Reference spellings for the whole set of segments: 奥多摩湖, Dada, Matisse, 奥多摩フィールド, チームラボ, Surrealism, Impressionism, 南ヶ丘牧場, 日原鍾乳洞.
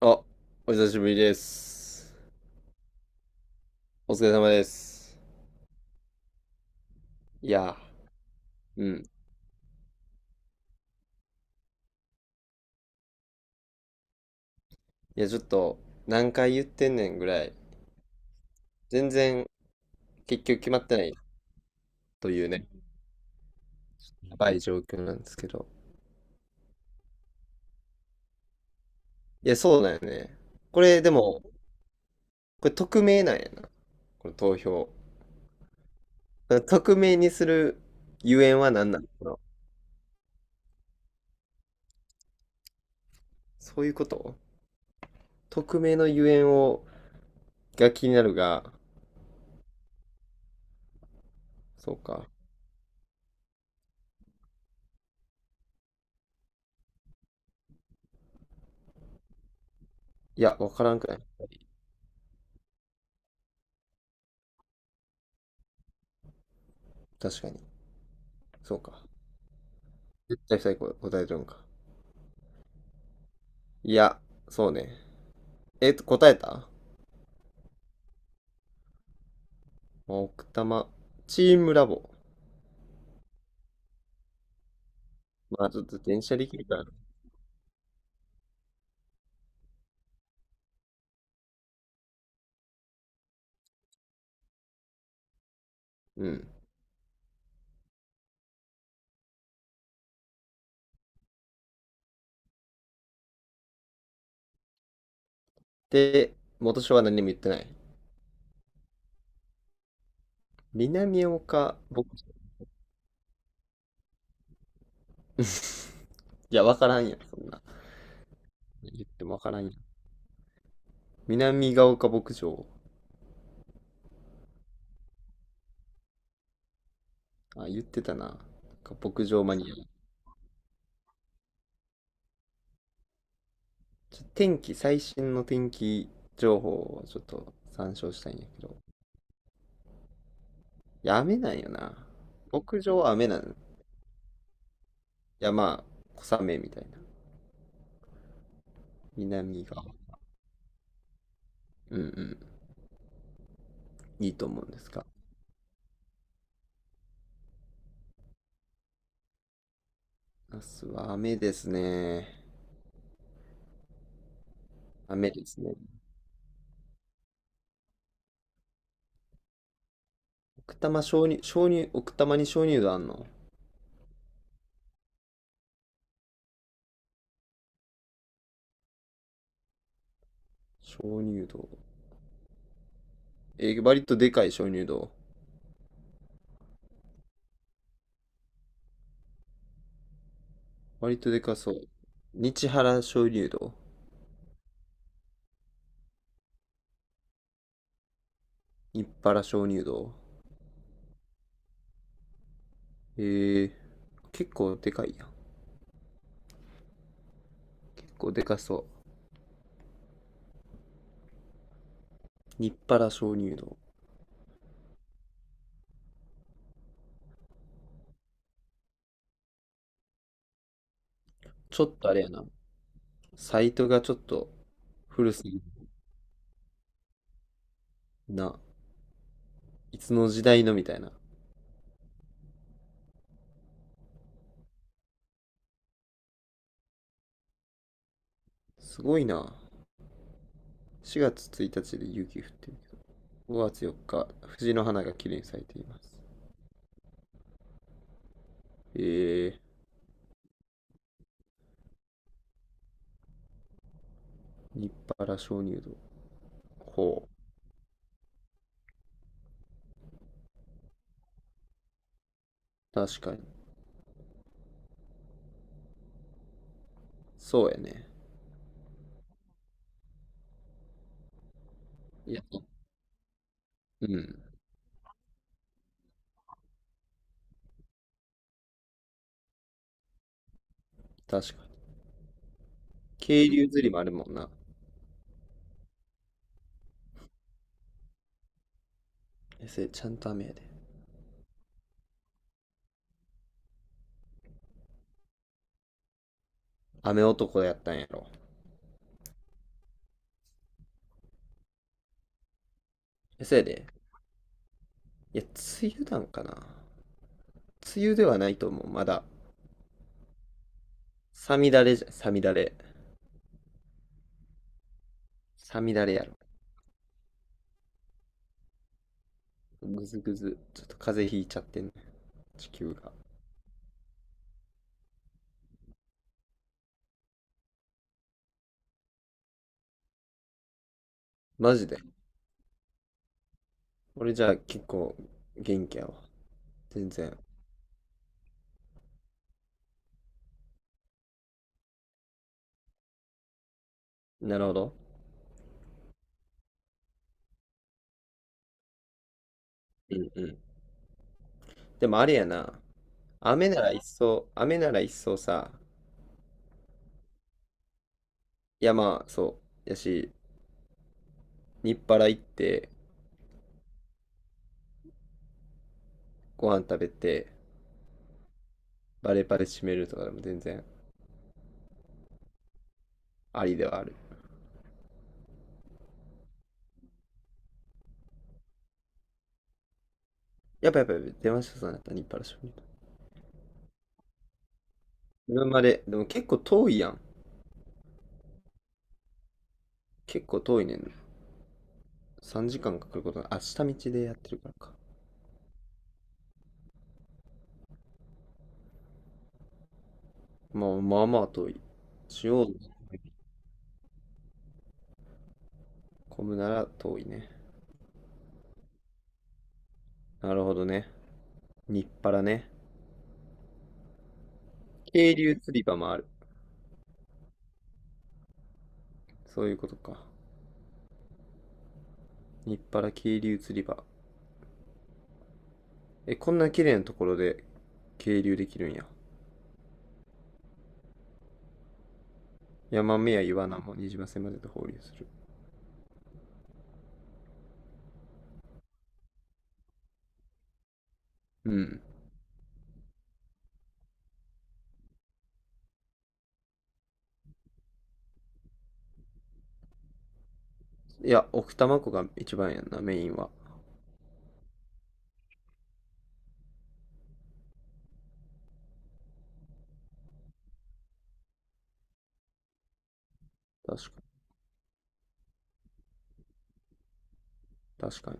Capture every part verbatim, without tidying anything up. あ、お久しぶりです。お疲れ様です。いや、うん。いや、ちょっと、何回言ってんねんぐらい、全然結局決まってないというね、やばい状況なんですけど。いや、そうだよね。これ、でも、これ匿名なんやな、この投票。匿名にするゆえんは何なのかな。そういうこと、匿名のゆえんを、が気になるが、そうか。いや、わからんくない。確かに。そうか。絶対最後答えとるんか。いや、そうね。えっと、答えた奥多摩、チームラボ。まあ、ちょっと電車できるから。うん。で、元署は何も言ってない。南岡牧場、いや、わからんやん、そんな。言ってもわからんやん。南ヶ丘牧場。あ、言ってたな。なんか牧場マニア。ちょ天気、最新の天気情報をちょっと参照したいんやけど。いや雨なんよな。牧場は雨なの。いや、まあ、小雨みたいな。南が。うんうん。いいと思うんですが。ナスは雨ですね。雨ですね。奥多摩鍾乳、鍾乳、奥多摩に鍾乳洞あんの。鍾乳洞。えー割とでかい鍾乳洞。割とでかそう。日原鍾乳洞。日原鍾乳洞。えー、結構でかいやん。結構でかそう。日原鍾乳洞。ちょっとあれやな。サイトがちょっと古すぎるな。いつの時代のみたいな。すごいな。しがつついたちで雪降ってる。ごがつよっか、藤の花が綺麗に咲いています。えー、立派な鍾乳洞。ほう。確かに。そうやね。いや、うん。確かに。渓流釣りもあるもんな。え、せ、ちゃんと雨やで。雨男やったんやろ。え、せやで。いや、梅雨なんかな。梅雨ではないと思う。まだ。さみだれじゃ、さみだれ。さみだれやろ。ぐずぐず。ちょっと風邪ひいちゃってんね。地球が。マジで。俺じゃあ結構元気やわ。全然。なるほど。うんうん。でもあれやな。雨なら一層、雨なら一層さ、いやまあそう。やし、日払行って、ご飯食べて、バレバレ締めるとかでも全然ありではある。やっぱやっぱやっぱ出ましたさんやった、日払締める。車まで、でも結構遠いやん。結構遠いねん。さんじかんかんかかることな、あ、下道でやってるからか。まあまあまあ遠い。中央に混むなら遠いね。なるほどね。日払ね。渓流釣り場もある。そういうことか。日払渓流釣り場。え、こんな綺麗なところで渓流できるんや。山目や岩名もにじませまでと放流する。うん。いや、奥多摩湖が一番やんな、メインは。確かに、確かに。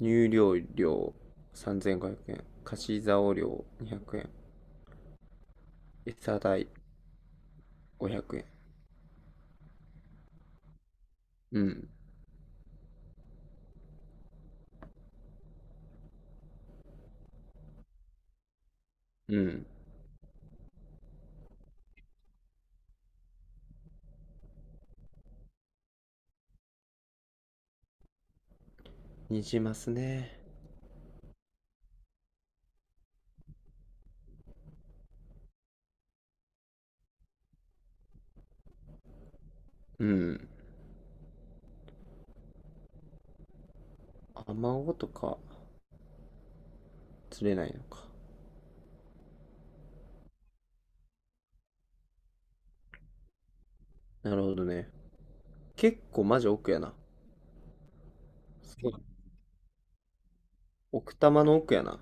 入漁料さんぜんごひゃくえん。貸し竿料にひゃくえん。餌代ごひゃくえん。うん。うん。にじますね。うん。アマゴとか釣れないのか。なるほどね。結構マジ奥やな。奥多摩の奥やな。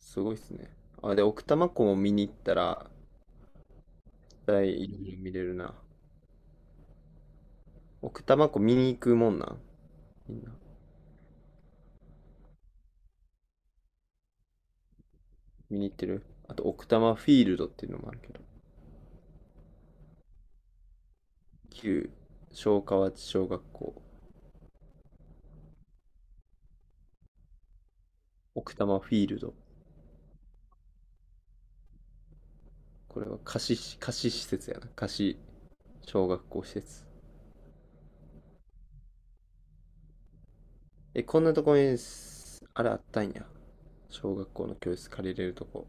すごいっすね。あ、で、奥多摩湖も見に行ったら、絶対いろいろ見れるな。奥多摩湖見に行くもんなんみんな。見に行ってるあと、奥多摩フィールドっていうのもあるけど。旧昭和町小学校、奥多摩フィールド。これは貸し、貸し施設やな。貸し小学校施設。え、こんなとこにす、あれあったんや。小学校の教室借りれるとこ。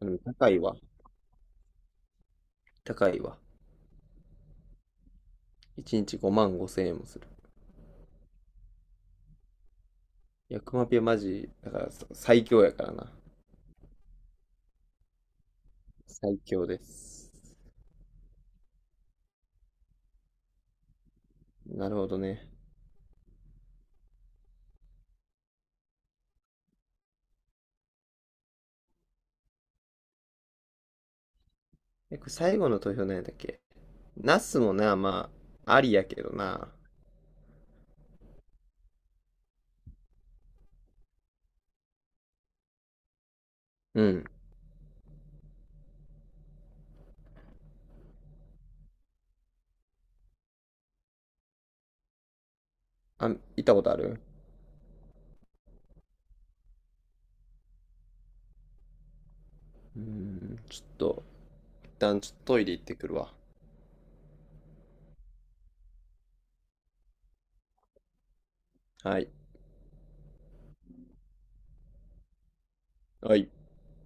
でも高いわ。高いわ。いちにちごまんごせん円もする。いや、クマピはマジ、だから最強やからな。最強です。なるほどね。え、これ最後の投票何やったっけ。ナスもな、まあ、ありやけどな。うん。あ、行ったことあるうん、ちょっと、一旦ちょっとトイレ行ってくるわ。はい。はい。